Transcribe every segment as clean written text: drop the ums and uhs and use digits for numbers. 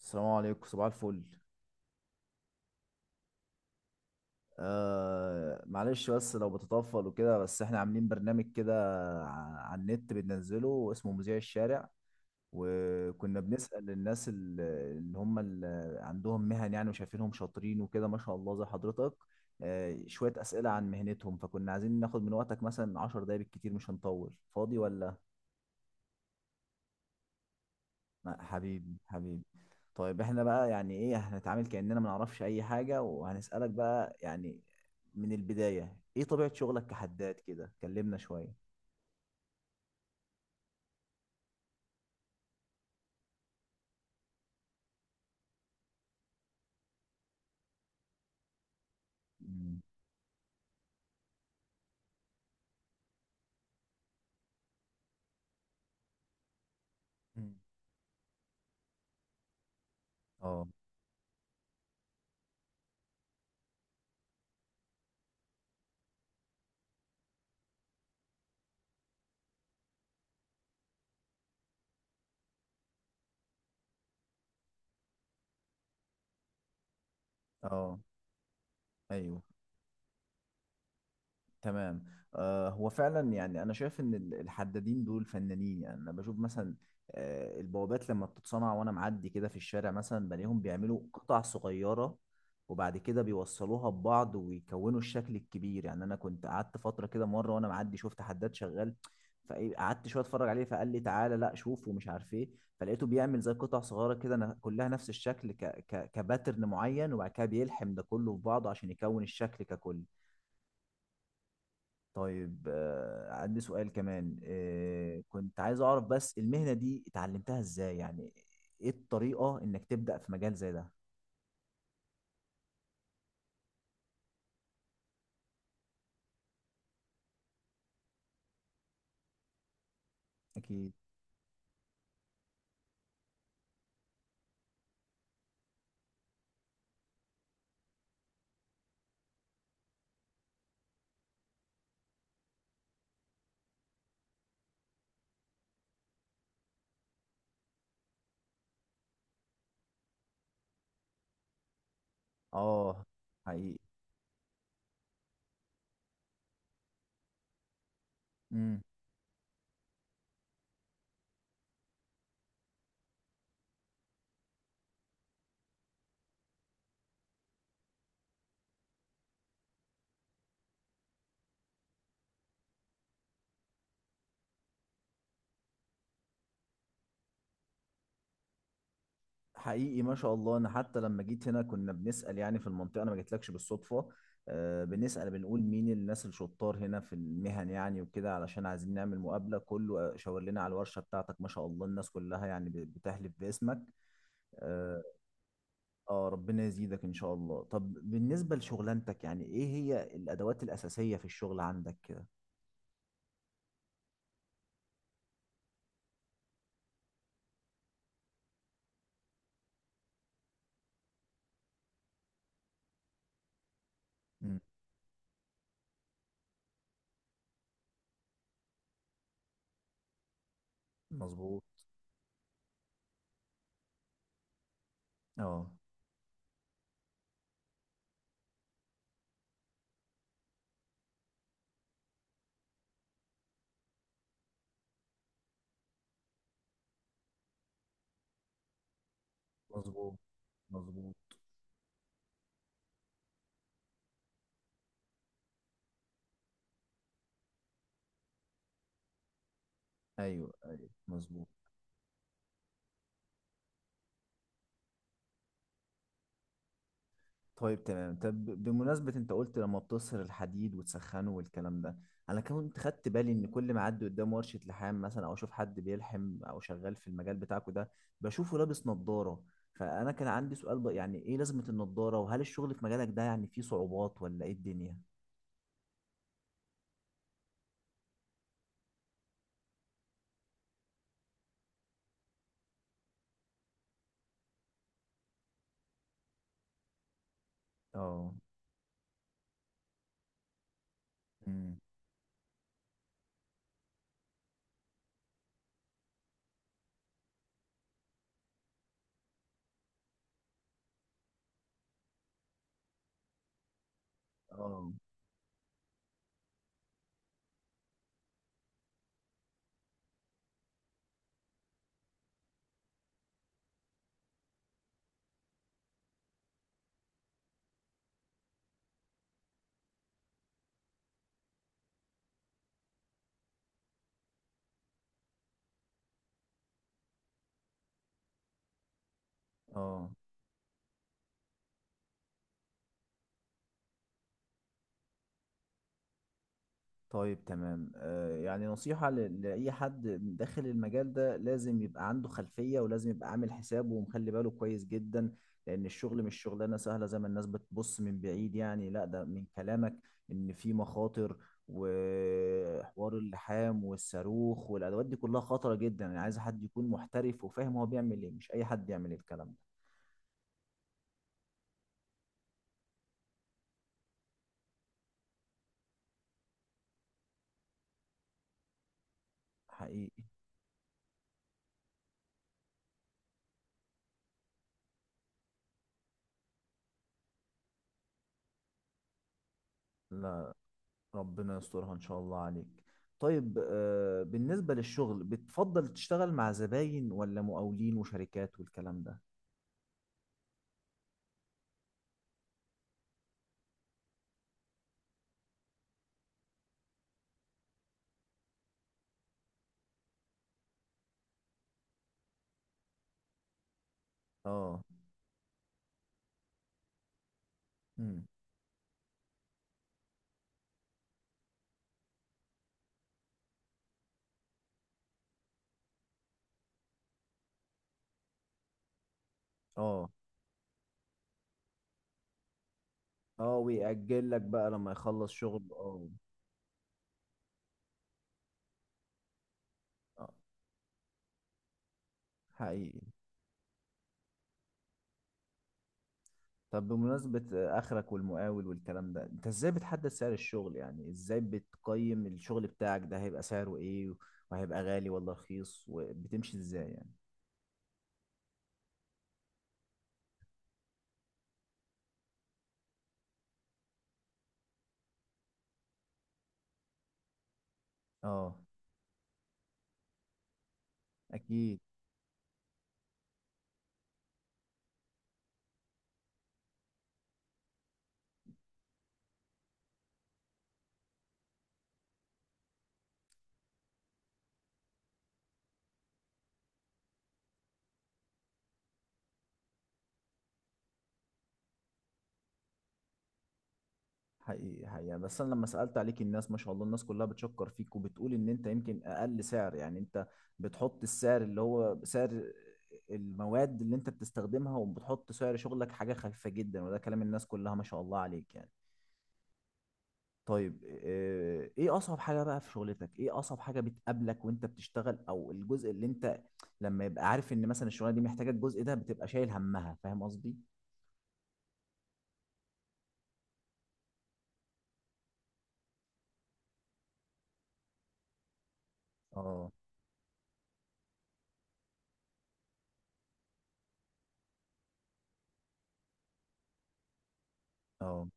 السلام عليكم صباح الفل. معلش بس لو بتطفل وكده، بس احنا عاملين برنامج كده على النت بننزله اسمه مذيع الشارع، وكنا بنسأل الناس اللي هم اللي عندهم مهن يعني وشايفينهم شاطرين وكده، ما شاء الله، زي حضرتك. شوية أسئلة عن مهنتهم، فكنا عايزين ناخد من وقتك مثلا 10 دقايق بالكتير، مش هنطول. فاضي ولا؟ حبيبي حبيبي. طيب احنا بقى يعني ايه، هنتعامل كأننا ما نعرفش اي حاجة وهنسألك بقى يعني من البداية، ايه طبيعة شغلك كحداد؟ كده كلمنا شوية. مم. مم. اه اه. ايوه، تمام. هو فعلا يعني انا شايف ان الحدادين دول فنانين، يعني انا بشوف مثلا البوابات لما بتتصنع، وانا معدي كده في الشارع مثلا بلاقيهم بيعملوا قطع صغيرة، وبعد كده بيوصلوها ببعض ويكونوا الشكل الكبير. يعني انا كنت قعدت فترة كده مرة وانا معدي، شفت حداد شغال فقعدت شوية اتفرج عليه، فقال لي تعالى لا شوف ومش عارف ايه. فلقيته بيعمل زي قطع صغيرة كده كلها نفس الشكل ك ك كباترن معين، وبعد كده بيلحم ده كله في بعضه عشان يكون الشكل ككل. طيب، عندي سؤال كمان. كنت عايز اعرف بس المهنة دي اتعلمتها ازاي يعني، ايه الطريقة انك تبدأ في مجال زي ده؟ اكيد. اه. حقيقي. امم. حقيقي، ما شاء الله. انا حتى لما جيت هنا كنا بنسأل يعني في المنطقة، انا ما جيتلكش بالصدفة. بنسأل بنقول مين الناس الشطار هنا في المهن يعني وكده، علشان عايزين نعمل مقابلة، كله شاور لنا على الورشة بتاعتك. ما شاء الله، الناس كلها يعني بتحلف باسمك. آه، اه، ربنا يزيدك ان شاء الله. طب بالنسبة لشغلانتك، يعني ايه هي الادوات الاساسية في الشغل عندك كده؟ مم. مظبوط. اه، مظبوط مظبوط. ايوه ايوه، مظبوط. طيب تمام. طب بمناسبة انت قلت لما بتصهر الحديد وتسخنه والكلام ده، انا كنت خدت بالي ان كل ما اعدي قدام ورشة لحام مثلا او اشوف حد بيلحم او شغال في المجال بتاعكوا ده، بشوفه لابس نظارة. فانا كان عندي سؤال بقى، يعني ايه لازمة النظارة؟ وهل الشغل في مجالك ده يعني فيه صعوبات ولا ايه الدنيا؟ اه. مم. اه. اه. طيب تمام. يعني نصيحة لأي حد داخل المجال ده، لازم يبقى عنده خلفية ولازم يبقى عامل حسابه ومخلي باله كويس جدا، لأن الشغل مش شغلانة سهلة زي ما الناس بتبص من بعيد يعني. لا، ده من كلامك، إن في مخاطر، وحوار اللحام والصاروخ والأدوات دي كلها خطرة جدا. أنا عايز حد يكون محترف وفاهم هو بيعمل إيه، مش أي حد يعمل الكلام ده. حقيقي. لا، ربنا يسترها ان شاء الله عليك. طيب، بالنسبة للشغل بتفضل تشتغل مع زباين ولا مقاولين وشركات والكلام ده؟ اه. امم. اه. اه، ويأجل لك بقى لما يخلص شغل، اه. آه، حقيقي. طب بمناسبة اخرك والمقاول والكلام ده، انت ازاي بتحدد سعر الشغل؟ يعني ازاي بتقيم الشغل بتاعك ده هيبقى سعره ايه، وهيبقى غالي ولا رخيص، وبتمشي ازاي يعني؟ اه. اكيد. حقيقي حقيقي. يعني بس انا لما سالت عليك، الناس ما شاء الله الناس كلها بتشكر فيك وبتقول ان انت يمكن اقل سعر، يعني انت بتحط السعر اللي هو سعر المواد اللي انت بتستخدمها، وبتحط سعر شغلك حاجه خفيفه جدا، وده كلام الناس كلها، ما شاء الله عليك يعني. طيب، ايه اصعب حاجه بقى في شغلتك؟ ايه اصعب حاجه بتقابلك وانت بتشتغل، او الجزء اللي انت لما يبقى عارف ان مثلا الشغلانه دي محتاجه الجزء ده بتبقى شايل همها؟ فاهم قصدي؟ اه. اه.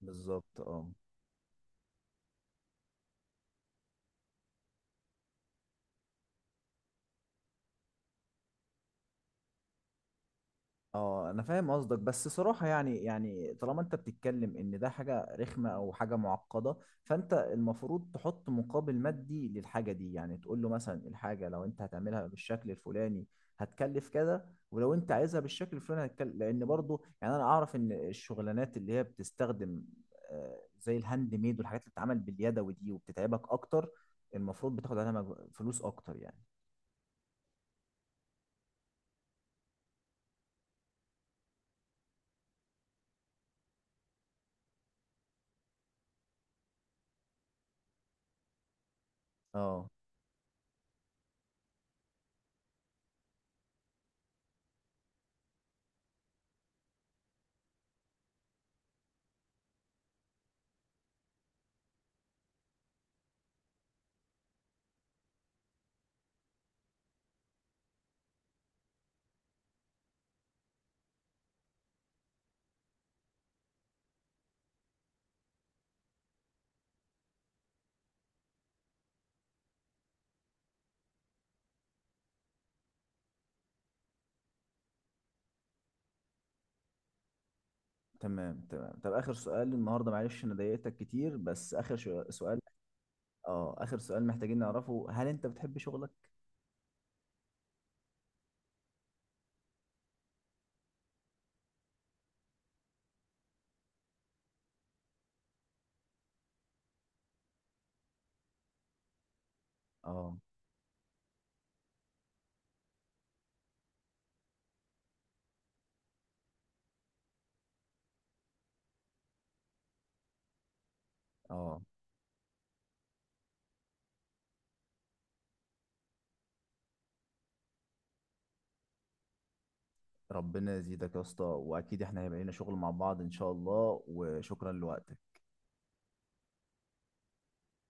بالظبط، اه. اه انا فاهم قصدك، بس صراحة يعني، يعني طالما انت بتتكلم ان ده حاجة رخمة او حاجة معقدة، فانت المفروض تحط مقابل مادي للحاجة دي، يعني تقول له مثلا الحاجة لو انت هتعملها بالشكل الفلاني هتكلف كذا، ولو انت عايزها بالشكل الفلاني هتكلف، لان برضو يعني انا اعرف ان الشغلانات اللي هي بتستخدم زي الهاند ميد والحاجات اللي بتتعمل باليدوي دي وبتتعبك اكتر، المفروض بتاخد عليها فلوس اكتر يعني. اه تمام تمام. طب آخر سؤال النهارده، معلش أنا ضايقتك كتير، بس آخر سؤال. اه، آخر سؤال محتاجين نعرفه، هل أنت بتحب شغلك؟ اه. اه. ربنا يزيدك يا اسطى، وأكيد احنا هيبقى لنا شغل مع بعض إن شاء الله، وشكرا لوقتك.